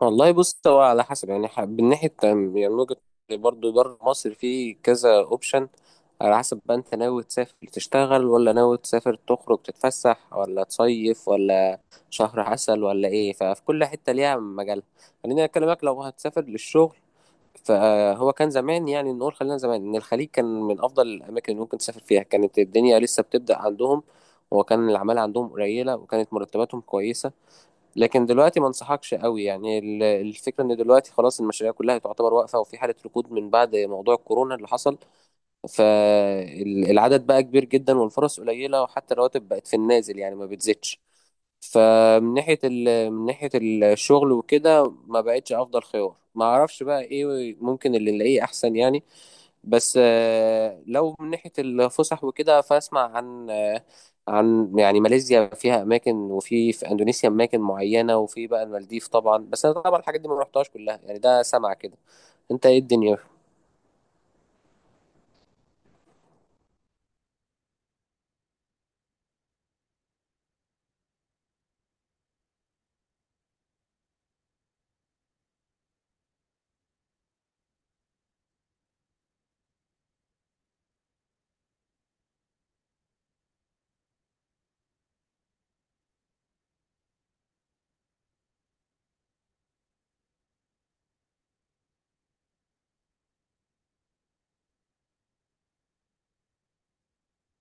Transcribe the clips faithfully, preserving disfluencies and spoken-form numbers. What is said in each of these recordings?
والله بص، هو على حسب يعني ح- من ناحية تم- يعني من وجهة نظري برضه بره مصر في كذا اوبشن. على حسب بقى انت ناوي تسافر تشتغل، ولا ناوي تسافر تخرج تتفسح، ولا تصيف، ولا شهر عسل، ولا ايه؟ ففي كل حتة ليها مجال. خليني اكلمك لو هتسافر للشغل. فهو كان زمان، يعني نقول خلينا زمان، ان الخليج كان من افضل الاماكن اللي ممكن تسافر فيها. كانت الدنيا لسه بتبدأ عندهم، وكان العمالة عندهم قليلة، وكانت مرتباتهم كويسة. لكن دلوقتي ما انصحكش قوي، يعني ال- الفكرة ان دلوقتي خلاص المشاريع كلها تعتبر واقفة، وفي حالة ركود من بعد موضوع الكورونا اللي حصل. فالعدد بقى كبير جدا والفرص قليلة، وحتى الرواتب بقت في النازل، يعني ما بتزيدش. فمن ناحية ال... من ناحية الشغل وكده ما بقتش افضل خيار. ما اعرفش بقى ايه ممكن اللي نلاقيه احسن يعني. بس آه، لو من ناحية الفسح وكده، فأسمع عن آه، عن يعني ماليزيا فيها أماكن، وفي في أندونيسيا أماكن معينة، وفي بقى المالديف طبعا. بس أنا طبعا الحاجات دي ما رحتهاش كلها، يعني ده سمع كده. أنت إيه الدنيا؟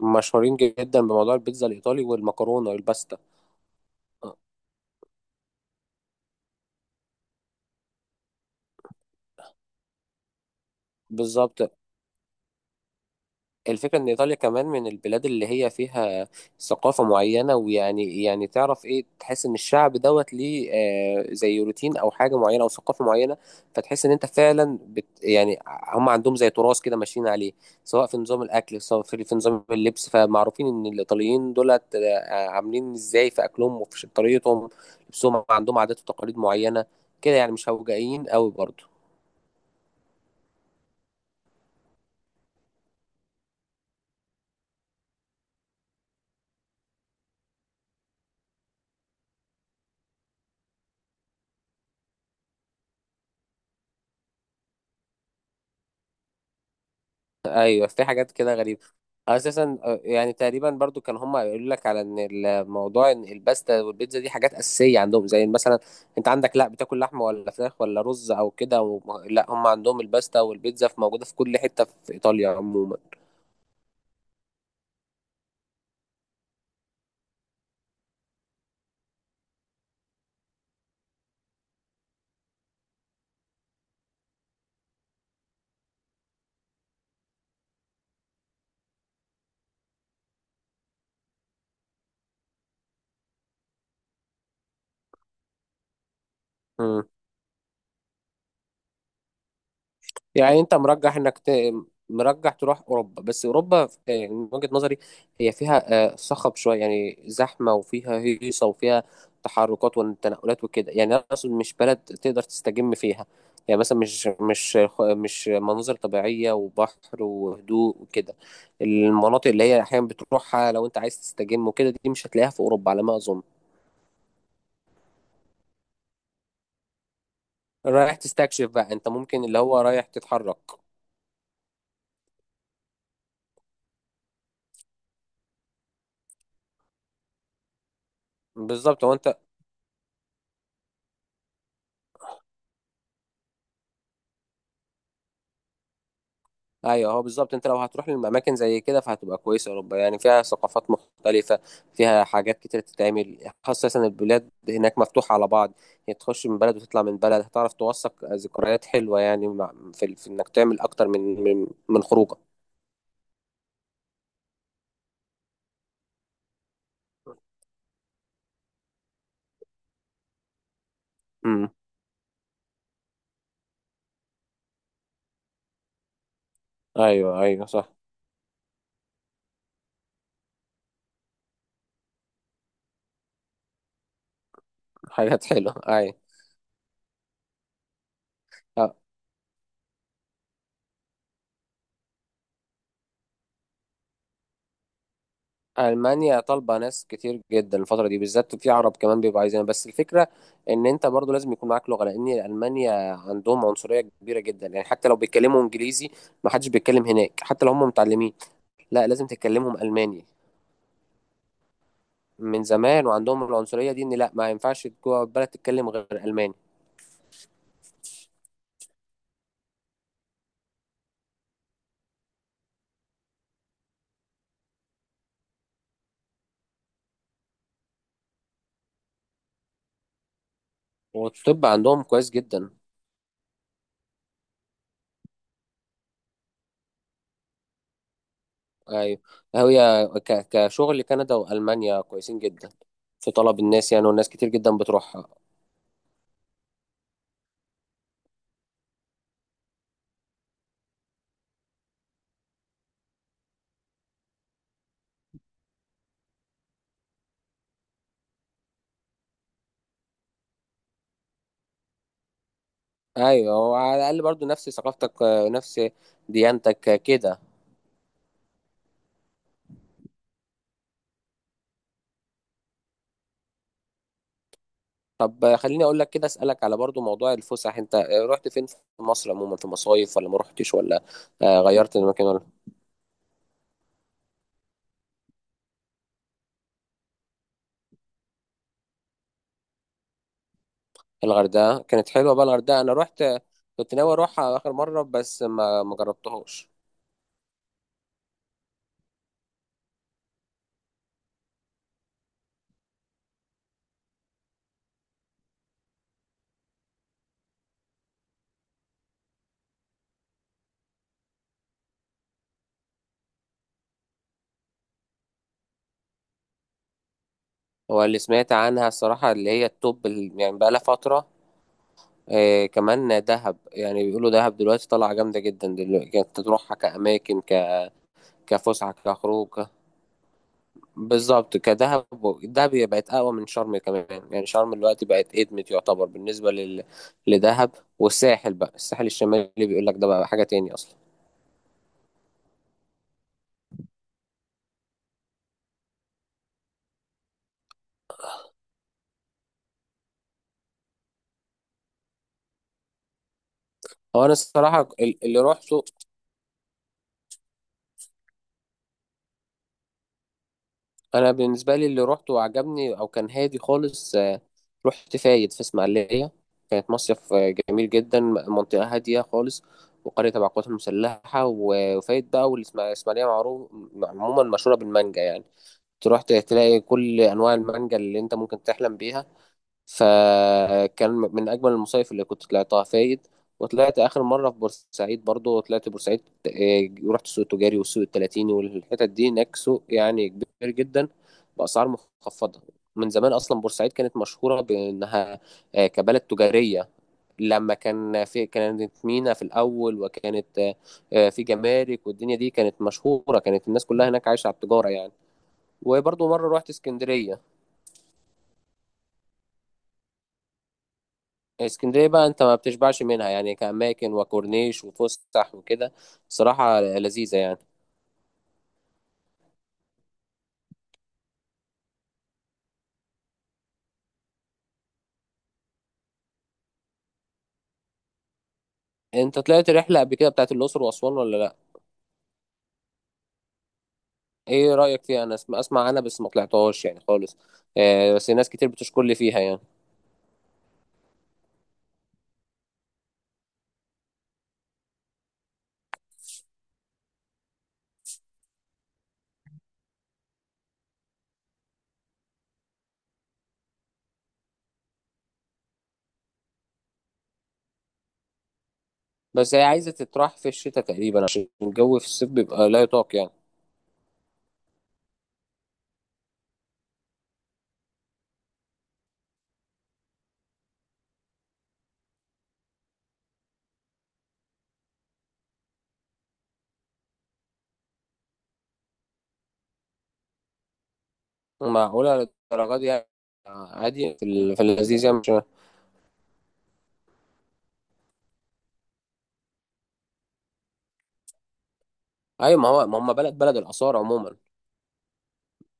مشهورين جدا بموضوع البيتزا الإيطالي والمكرونة والباستا. آه، بالظبط. الفكرة إن إيطاليا كمان من البلاد اللي هي فيها ثقافة معينة، ويعني يعني تعرف إيه، تحس إن الشعب دوت ليه آه زي روتين أو حاجة معينة أو ثقافة معينة. فتحس إن أنت فعلا بت يعني، هم عندهم زي تراث كده ماشيين عليه، سواء في نظام الأكل، سواء في في نظام اللبس. فمعروفين إن الإيطاليين دولت آه عاملين إزاي في أكلهم وفي طريقتهم، لبسهم، عندهم عادات وتقاليد معينة كده، يعني مش هوجائيين قوي برضه. ايوه، في حاجات كده غريبه اساسا. آه، يعني تقريبا برضو كان هم يقولوا لك على ان الموضوع ان الباستا والبيتزا دي حاجات اساسيه عندهم، زي مثلا انت عندك لا بتاكل لحمه ولا فراخ ولا رز او كده، وم- لا هم عندهم الباستا والبيتزا، في موجوده في كل حته في ايطاليا عموما. يعني انت مرجح انك ت... مرجح تروح اوروبا، بس اوروبا آه، يعني من وجهة نظري هي فيها آه، صخب شويه، يعني زحمه وفيها هيصه وفيها تحركات والتنقلات وكده. يعني انا اقصد مش بلد تقدر تستجم فيها، يعني مثلا مش مش مش مناظر طبيعيه وبحر وهدوء وكده. المناطق اللي هي احيانا بتروحها لو انت عايز تستجم وكده، دي مش هتلاقيها في اوروبا على ما اظن. رايح تستكشف بقى؟ انت ممكن اللي هو رايح تتحرك. بالظبط، هو انت. ايوه، هو بالظبط، انت لو هتروح للاماكن زي كده فهتبقى كويسه اوروبا، يعني فيها ثقافات مختلفه، فيها حاجات كتير تتعمل، خاصه البلاد هناك مفتوحه على بعض. يعني تخش من بلد وتطلع من بلد، هتعرف توثق ذكريات حلوه، يعني مع في, ال- في انك تعمل اكتر من من من خروجه. امم. ايوه ايوه صح. حاجات حلوه ايوه. ألمانيا طالبة ناس كتير جدا الفترة دي بالذات، في عرب كمان بيبقوا عايزينها، بس الفكرة إن أنت برضو لازم يكون معاك لغة، لأن ألمانيا عندهم عنصرية كبيرة جدا، يعني حتى لو بيتكلموا إنجليزي ما حدش بيتكلم هناك، حتى لو هم متعلمين. لا، لازم تتكلمهم ألماني. من زمان وعندهم العنصرية دي، إن لا ما ينفعش جوه البلد تتكلم غير ألماني. والطب عندهم كويس جدا. أيوة. هي ك- كشغل كندا وألمانيا كويسين جدا، في طلب الناس يعني، والناس كتير جدا بتروحها. ايوه، هو على الاقل برضو نفس ثقافتك، آه، نفس ديانتك، آه، كده. طب آه، خليني اقول لك كده، اسالك على برضو موضوع الفسح. انت آه، رحت فين في مصر عموما؟ في مصايف ولا ما رحتش، ولا آه، غيرت المكان ولا؟ الغردقه كانت حلوه بقى، الغردقه انا رحت. آه، كنت ناوي اروحها اخر مره بس ما ما جربتهاش. هو اللي سمعت عنها الصراحه اللي هي التوب، ال- يعني بقى لها فتره. آه، كمان دهب، يعني بيقولوا دهب دلوقتي طالعه جامده جدا دلوقتي، كانت تروحها كاماكن ك- كفسحه، كخروج، بالظبط، كدهب. دهب هي بقت اقوى من شرم كمان، يعني شرم دلوقتي بقت ادمت يعتبر بالنسبه لل... لدهب. والساحل بقى، الساحل الشمالي بيقول لك ده بقى حاجه تاني اصلا. هو انا الصراحه ال- اللي روحته، انا بالنسبه لي اللي روحته وعجبني او كان هادي خالص آه، رحت فايد في اسماعيليه. كانت مصيف آه، جميل جدا، منطقه هاديه خالص، وقريه تبع القوات المسلحه، و- وفايد بقى والاسماعيليه معروف عموما مشهوره بالمانجا، يعني تروح تلاقي كل انواع المانجا اللي انت ممكن تحلم بيها. فكان من اجمل المصايف اللي كنت طلعتها فايد. وطلعت اخر مره في بورسعيد، برضو طلعت بورسعيد. آه، رحت السوق التجاري والسوق التلاتيني والحتت دي، هناك سوق يعني كبير جدا باسعار مخفضه. من زمان اصلا بورسعيد كانت مشهوره بانها آه، كبلد تجاريه، لما كان في، كانت مينا في الاول، وكانت آه، آه، في جمارك والدنيا دي، كانت مشهوره، كانت الناس كلها هناك عايشه على التجاره يعني. وبرضه مرة رحت اسكندرية. اسكندرية بقى انت ما بتشبعش منها يعني، كأماكن وكورنيش وفسح وكده، صراحة لذيذة يعني. انت طلعت رحلة قبل كده بتاعت الأقصر وأسوان ولا لأ؟ ايه رأيك فيها؟ أنا اسم- أسمع عنها بس ما طلعتهاش يعني خالص. آه بس ناس كتير بتشكر لي فيها يعني. بس هي عايزة تتراح في الشتاء تقريبا، عشان الجو في الصيف بيبقى لا يطاق يعني. معقولة للدرجة دي يعني؟ عادي في, ال- في اللذيذ يعني، مش... ايوه ما هو، ما هم بلد، بلد الآثار عموما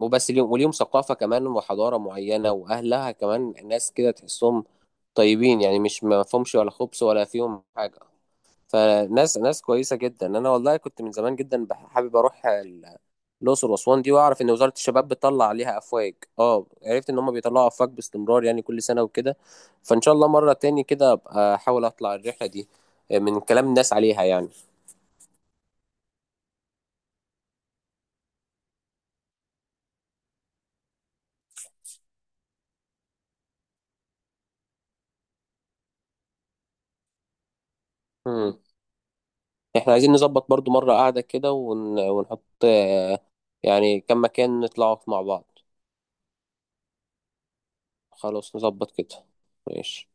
وبس، ليهم وليهم ثقافة كمان وحضارة معينة، وأهلها كمان ناس كده تحسهم طيبين يعني، مش ما فيهمش ولا خبث ولا فيهم حاجة. فناس ناس كويسة جدا. أنا والله كنت من زمان جدا بح- حابب أروح ال- الأقصر وأسوان دي، وأعرف إن وزارة الشباب بتطلع عليها أفواج. أه عرفت إن هم بيطلعوا أفواج باستمرار يعني، كل سنة وكده. فإن شاء الله مرة تاني كده أبقى أحاول أطلع الرحلة دي، آه، من كلام الناس عليها يعني. مم. احنا عايزين نظبط برضو مرة قاعدة كده، ون... ونحط آه، يعني كم مكان نطلعوا مع بعض. خلاص نظبط كده. ماشي.